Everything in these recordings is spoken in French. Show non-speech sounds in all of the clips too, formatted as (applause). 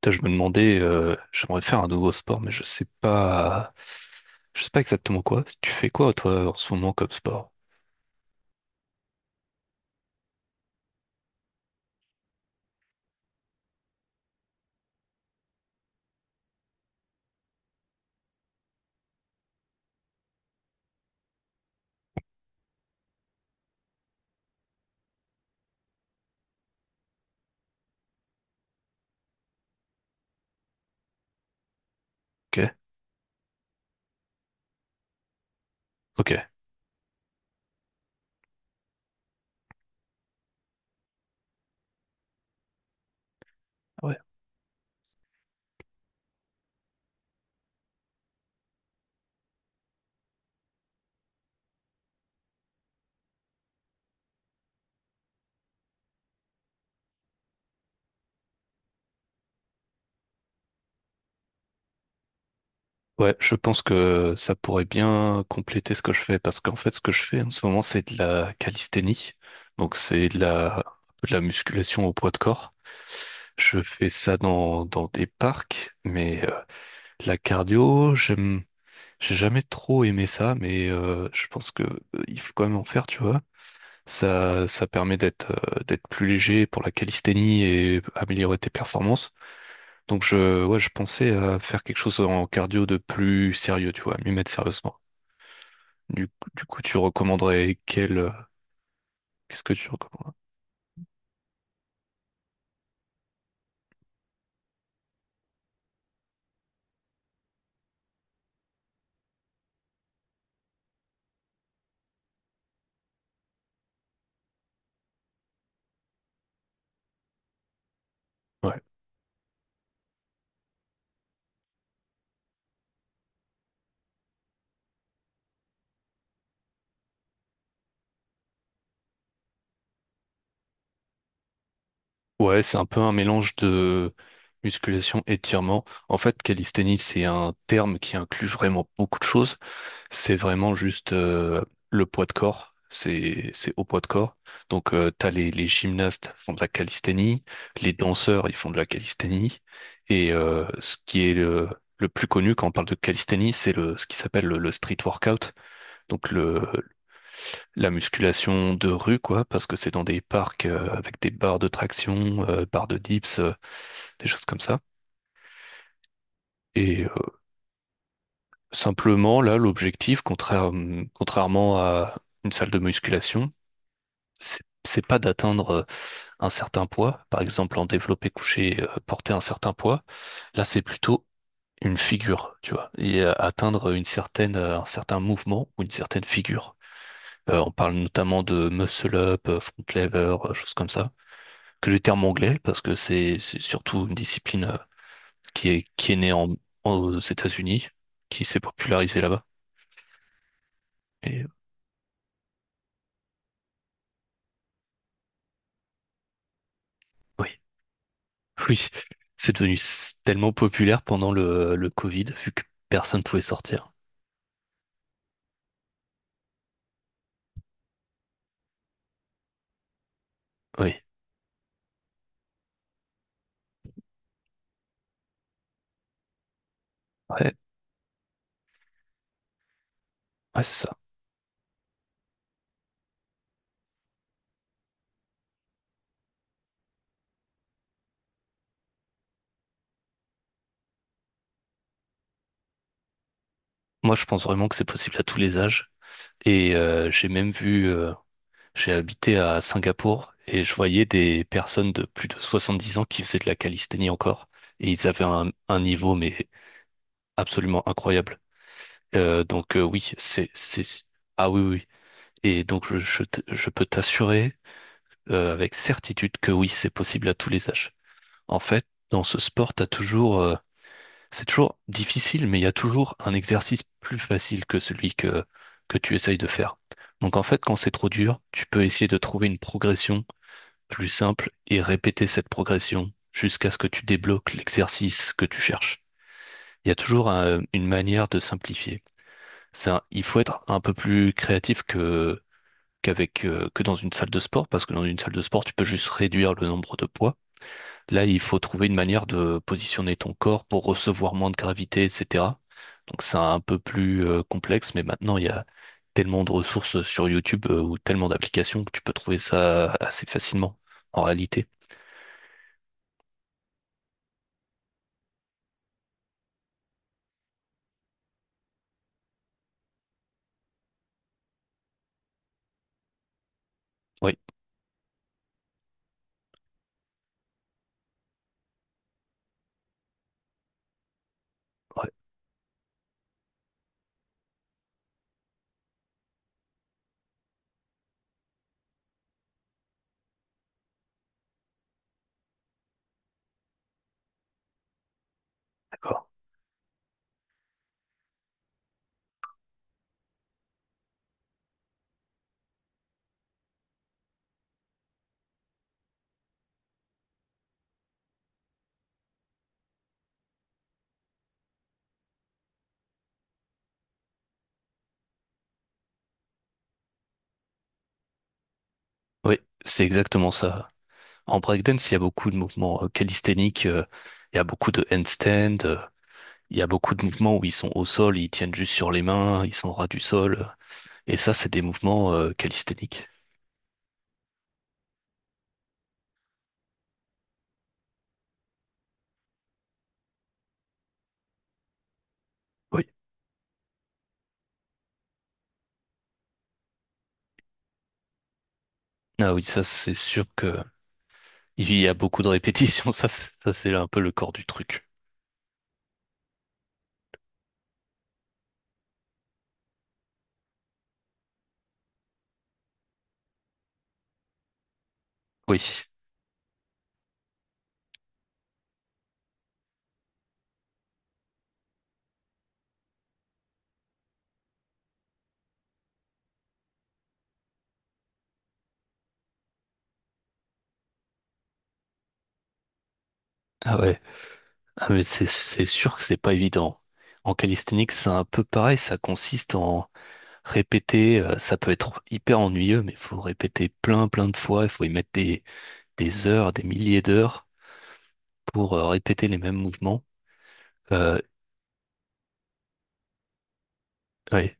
Putain, je me demandais, j'aimerais faire un nouveau sport, mais je sais pas exactement quoi. Tu fais quoi toi en ce moment comme sport? Ok, ok, ouais, ouais. Je pense que ça pourrait bien compléter ce que je fais parce qu'en fait, ce que je fais en ce moment, c'est de la calisthénie, donc c'est de la, un peu de la musculation au poids de corps. Je fais ça dans des parcs, mais la cardio, j'aime, j'ai jamais trop aimé ça, mais je pense que il faut quand même en faire, tu vois. Ça permet d'être d'être plus léger pour la calisthénie et améliorer tes performances. Donc je, ouais, je pensais à faire quelque chose en cardio de plus sérieux, tu vois, m'y mettre sérieusement. Du coup, tu recommanderais quel, qu'est-ce que tu recommandes? Ouais. Ouais, c'est un peu un mélange de musculation et étirement. En fait, calisthénie, c'est un terme qui inclut vraiment beaucoup de choses. C'est vraiment juste le poids de corps. C'est au poids de corps. Donc t'as les gymnastes font de la calisthénie, les danseurs ils font de la calisthénie. Et ce qui est le plus connu quand on parle de calisthénie, c'est le ce qui s'appelle le street workout. Donc le la musculation de rue quoi, parce que c'est dans des parcs avec des barres de traction, barres de dips, des choses comme ça. Et simplement là l'objectif, contrairement à une salle de musculation, c'est pas d'atteindre un certain poids, par exemple en développé couché, porter un certain poids. Là, c'est plutôt une figure, tu vois, et atteindre une certaine, un certain mouvement ou une certaine figure. On parle notamment de muscle up, front lever, choses comme ça, que le terme anglais parce que c'est surtout une discipline qui est née en, aux États-Unis, qui s'est popularisée là-bas. Et oui, (laughs) oui, c'est devenu tellement populaire pendant le Covid vu que personne pouvait sortir. Oui. Ouais, ouais, c'est ça. Moi, je pense vraiment que c'est possible à tous les âges. Et j'ai même vu, j'ai habité à Singapour et je voyais des personnes de plus de 70 ans qui faisaient de la calisthénie encore. Et ils avaient un niveau, mais absolument incroyable. Donc oui, c'est, ah oui, oui. Oui. Et donc je, je peux t'assurer avec certitude que oui, c'est possible à tous les âges. En fait, dans ce sport, t'as toujours c'est toujours difficile, mais il y a toujours un exercice plus facile que celui que tu essayes de faire. Donc en fait, quand c'est trop dur, tu peux essayer de trouver une progression plus simple et répéter cette progression jusqu'à ce que tu débloques l'exercice que tu cherches. Il y a toujours une manière de simplifier. Ça, il faut être un peu plus créatif que, que dans une salle de sport, parce que dans une salle de sport, tu peux juste réduire le nombre de poids. Là, il faut trouver une manière de positionner ton corps pour recevoir moins de gravité, etc. Donc c'est un peu plus complexe, mais maintenant il y a tellement de ressources sur YouTube ou tellement d'applications que tu peux trouver ça assez facilement en réalité. Oui, ouais, d'accord. Oui, c'est exactement ça. En breakdance, il y a beaucoup de mouvements calisthéniques, il y a beaucoup de handstand, il y a beaucoup de mouvements où ils sont au sol, ils tiennent juste sur les mains, ils sont ras du sol. Euh, et ça, c'est des mouvements calisthéniques. Oui. Ah oui, ça, c'est sûr que il y a beaucoup de répétitions. (laughs) Ça, ça, c'est un peu le corps du truc. Oui. Ah ouais. Ah, mais c'est sûr que c'est pas évident. En calisthénique, c'est un peu pareil. Ça consiste en répéter, ça peut être hyper ennuyeux, mais il faut répéter plein, plein de fois. Il faut y mettre des heures, des milliers d'heures pour répéter les mêmes mouvements. Euh, ouais,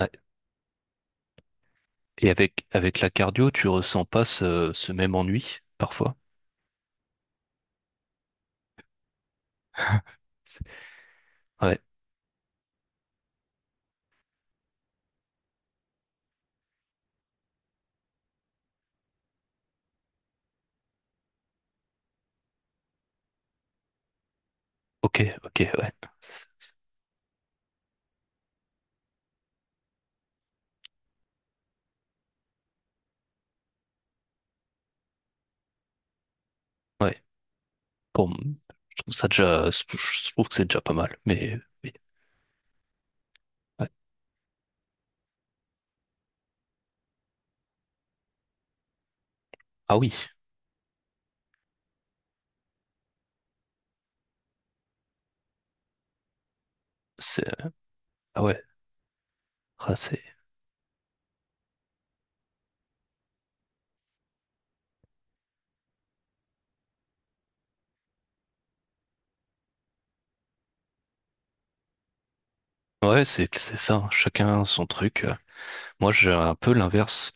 ouais. Et avec, avec la cardio, tu ressens pas ce, ce même ennui parfois. (laughs) Ouais, ok, ok, ouais, ouais. Bon, je trouve ça déjà, je trouve que c'est déjà pas mal, mais oui, ouais. Ah oui, c'est, ah ouais, ah, c'est, ouais, c'est ça, hein. Chacun son truc. Euh. Moi, j'ai un peu l'inverse.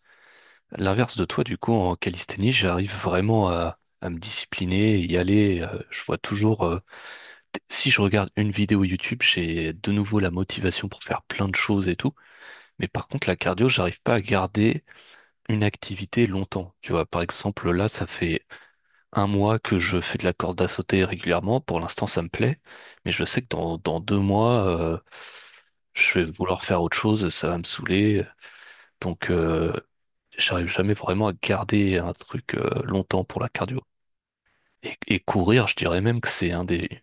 L'inverse de toi, du coup, en calisthénie, j'arrive vraiment à me discipliner, y aller. Euh, je vois toujours, si je regarde une vidéo YouTube, j'ai de nouveau la motivation pour faire plein de choses et tout. Mais par contre, la cardio, j'arrive pas à garder une activité longtemps. Tu vois, par exemple, là, ça fait un mois que je fais de la corde à sauter régulièrement. Pour l'instant, ça me plaît. Mais je sais que dans, dans deux mois, je vais vouloir faire autre chose, ça va me saouler. Donc, j'arrive jamais vraiment à garder un truc longtemps pour la cardio. Et courir, je dirais même que c'est un des,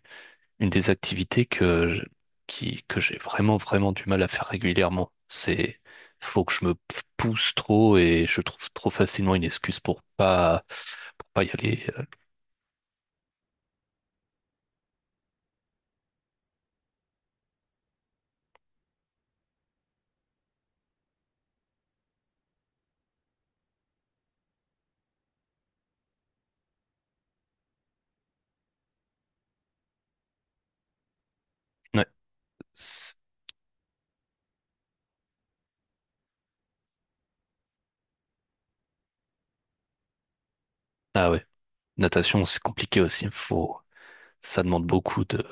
une des activités que qui, que j'ai vraiment, vraiment du mal à faire régulièrement. C'est, faut que je me pousse trop et je trouve trop facilement une excuse pour pas y aller. Ouais, c'est- ah ouais. Natation, c'est compliqué aussi. Faut, ça demande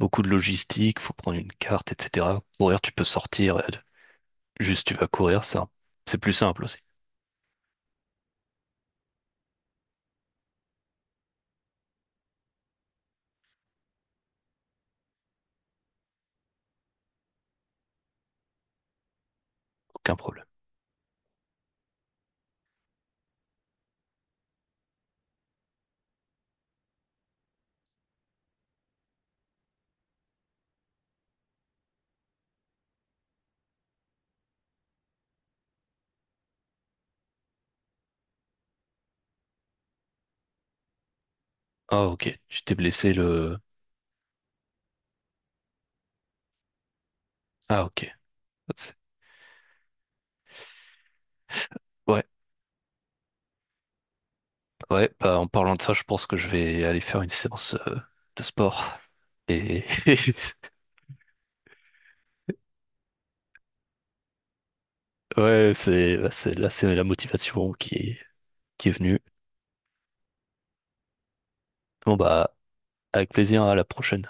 beaucoup de logistique. Faut prendre une carte, etc. Courir, tu peux sortir. Euh, juste, tu vas courir, ça. C'est plus simple aussi. Aucun problème. Ah ok, tu t'es blessé le... Ah ok. Ouais, ouais, bah, en parlant de ça, je pense que je vais aller faire une séance de sport. Et (laughs) ouais, c'est bah, là, c'est la motivation qui est venue. Bon bah, avec plaisir, à la prochaine.